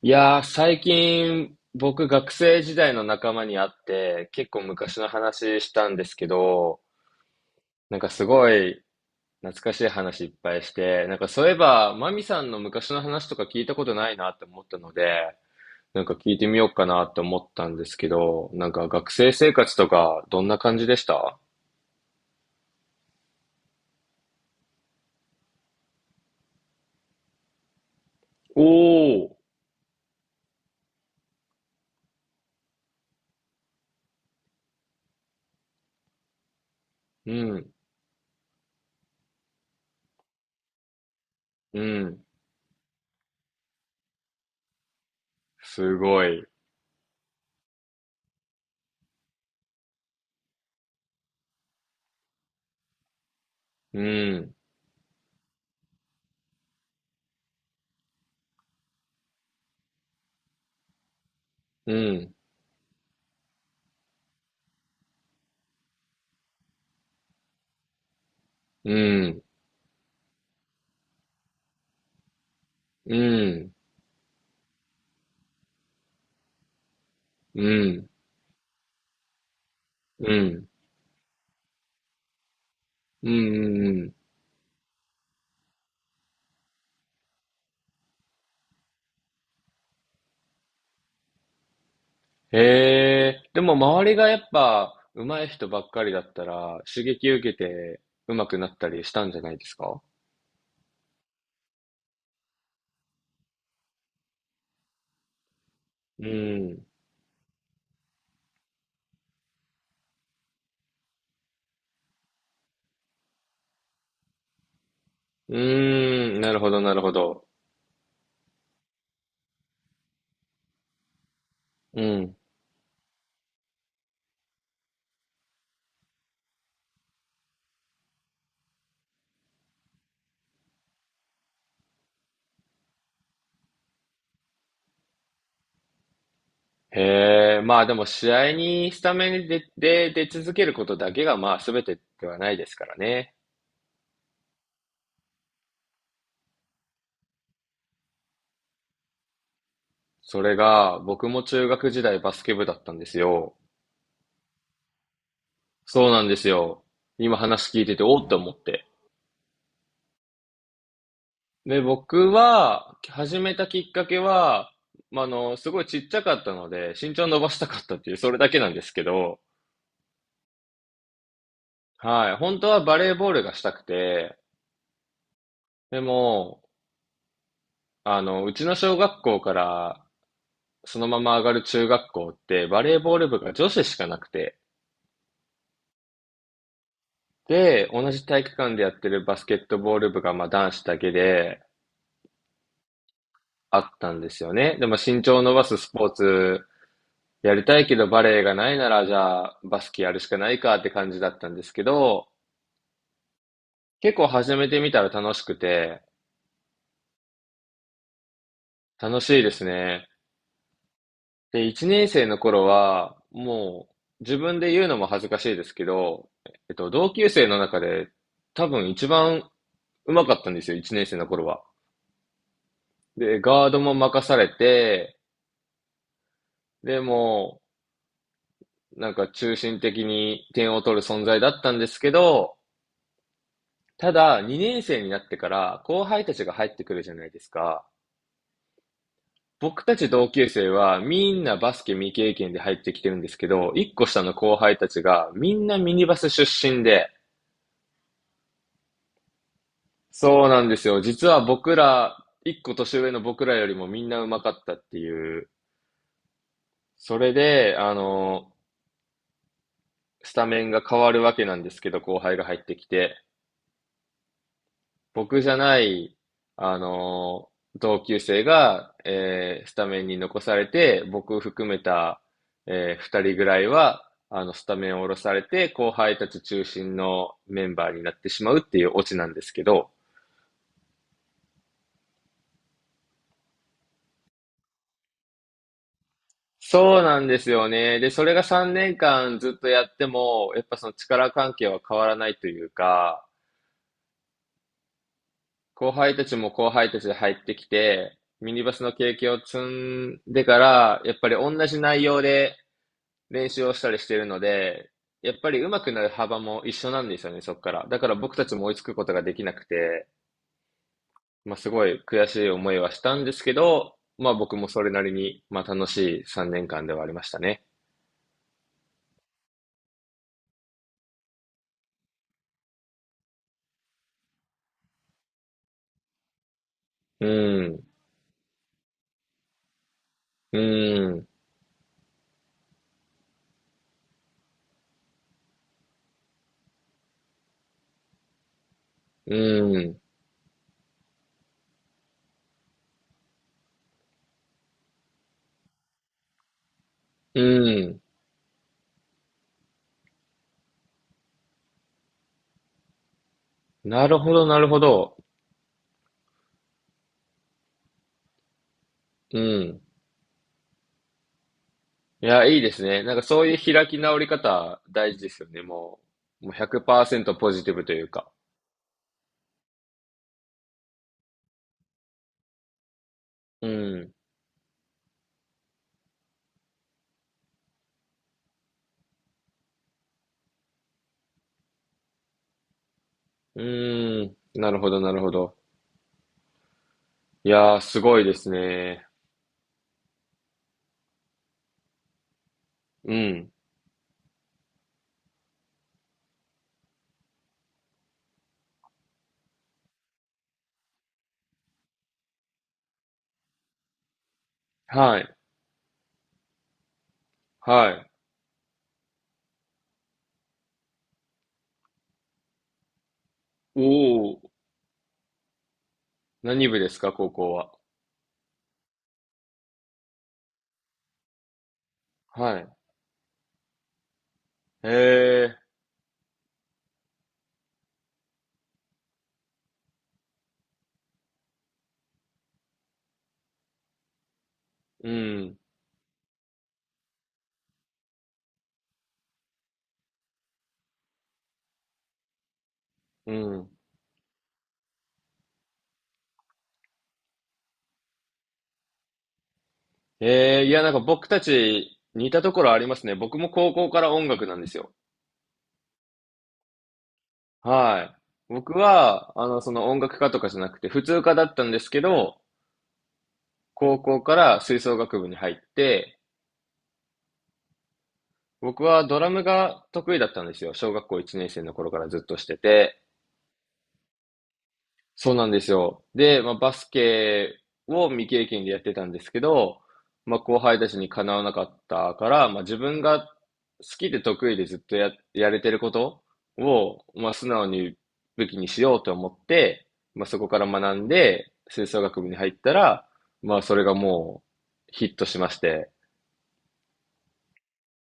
いやー、最近、僕、学生時代の仲間に会って、結構昔の話したんですけど、なんかすごい懐かしい話いっぱいして、なんかそういえば、マミさんの昔の話とか聞いたことないなって思ったので、なんか聞いてみようかなって思ったんですけど、なんか学生生活とか、どんな感じでした？おお、うん、うん、すごい。うん、うん、うん、うん、うん、うん、うん、うん、うん、へえ、でも周りがやっぱ上手い人ばっかりだったら刺激受けて上手くなったりしたんじゃないですか？うん。うーん、なるほど、なるほど。うん。へえ、まあでも試合にスタメンで、出続けることだけがまあ全てではないですからね。それが僕も中学時代バスケ部だったんですよ。そうなんですよ。今話聞いてておーっと思って。で、僕は、始めたきっかけは、まあ、すごいちっちゃかったので、身長伸ばしたかったっていう、それだけなんですけど、はい。本当はバレーボールがしたくて、でも、うちの小学校からそのまま上がる中学校って、バレーボール部が女子しかなくて、で、同じ体育館でやってるバスケットボール部が、まあ、男子だけであったんですよね。でも身長を伸ばすスポーツやりたいけどバレエがないなら、じゃあバスケやるしかないかって感じだったんですけど、結構始めてみたら楽しくて、楽しいですね。で、1年生の頃は、もう自分で言うのも恥ずかしいですけど、同級生の中で多分一番上手かったんですよ、1年生の頃は。で、ガードも任されて、でも、なんか中心的に点を取る存在だったんですけど、ただ、2年生になってから後輩たちが入ってくるじゃないですか。僕たち同級生はみんなバスケ未経験で入ってきてるんですけど、1個下の後輩たちがみんなミニバス出身で、そうなんですよ。実は僕ら、1個年上の僕らよりもみんな上手かったっていう。それで、スタメンが変わるわけなんですけど、後輩が入ってきて。僕じゃない、あのー同級生が、スタメンに残されて、僕含めた、二人ぐらいは、スタメンを下ろされて、後輩たち中心のメンバーになってしまうっていうオチなんですけど、そうなんですよね。で、それが3年間ずっとやっても、やっぱその力関係は変わらないというか、後輩たちも後輩たちで入ってきて、ミニバスの経験を積んでから、やっぱり同じ内容で練習をしたりしているので、やっぱり上手くなる幅も一緒なんですよね、そこから。だから僕たちも追いつくことができなくて、まあ、すごい悔しい思いはしたんですけど、まあ僕もそれなりに、まあ楽しい3年間ではありましたね。うーん、うーん、うーん、うーん。なるほど、なるほど。うん。いや、いいですね。なんかそういう開き直り方大事ですよね。もう100%ポジティブというか。うん、うーん。なるほど、なるほど。いやー、すごいですね。うん。はい。はい。おお、何部ですか、高校は？はい。へえ、うん、うん。ええ、いや、なんか僕たち似たところありますね。僕も高校から音楽なんですよ。はい。僕は、その音楽科とかじゃなくて、普通科だったんですけど、高校から吹奏楽部に入って、僕はドラムが得意だったんですよ。小学校1年生の頃からずっとしてて。そうなんですよ。で、まあ、バスケを未経験でやってたんですけど、まあ、後輩たちにかなわなかったから、まあ、自分が好きで得意でずっとやれてることを、まあ、素直に武器にしようと思って、まあ、そこから学んで、吹奏楽部に入ったら、まあ、それがもうヒットしまして、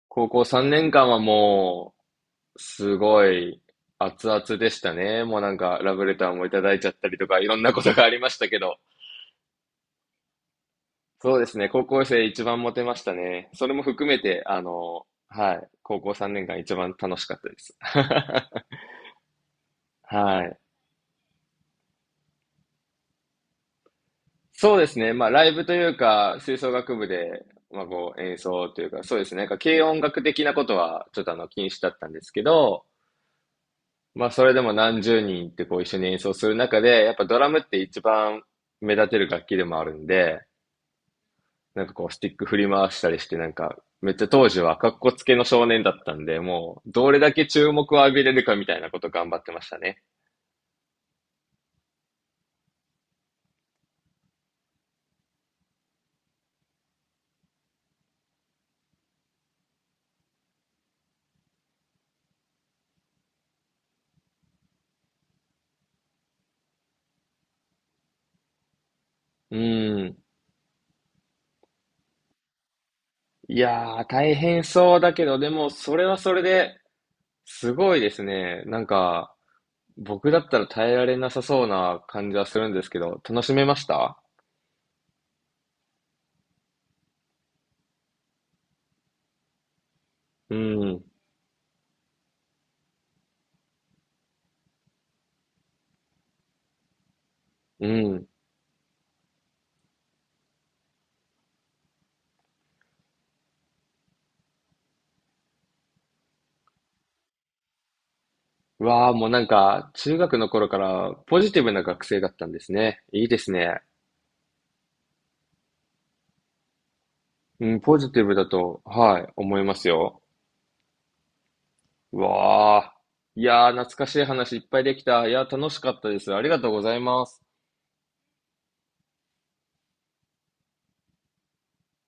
高校3年間はもう、すごい熱々でしたね。もうなんか、ラブレターもいただいちゃったりとか、いろんなことがありましたけど。そうですね、高校生一番モテましたね。それも含めて、はい、高校3年間一番楽しかったです。はい。そうですね、まあ、ライブというか、吹奏楽部で、まあ、こう、演奏というか、そうですね、なんか軽音楽的なことは、ちょっと禁止だったんですけど、まあ、それでも何十人ってこう、一緒に演奏する中で、やっぱドラムって一番目立てる楽器でもあるんで、なんかこう、スティック振り回したりして、なんか、めっちゃ当時は格好つけの少年だったんで、もう、どれだけ注目を浴びれるかみたいなこと頑張ってましたね。うん。いやー、大変そうだけど、でも、それはそれで、すごいですね。なんか、僕だったら耐えられなさそうな感じはするんですけど、楽しめました？うん、うん。うわー、もうなんか、中学の頃からポジティブな学生だったんですね。いいですね。うん、ポジティブだと、はい、思いますよ。うわあ。いやー、懐かしい話いっぱいできた。いやー、楽しかったです。ありがとうございます。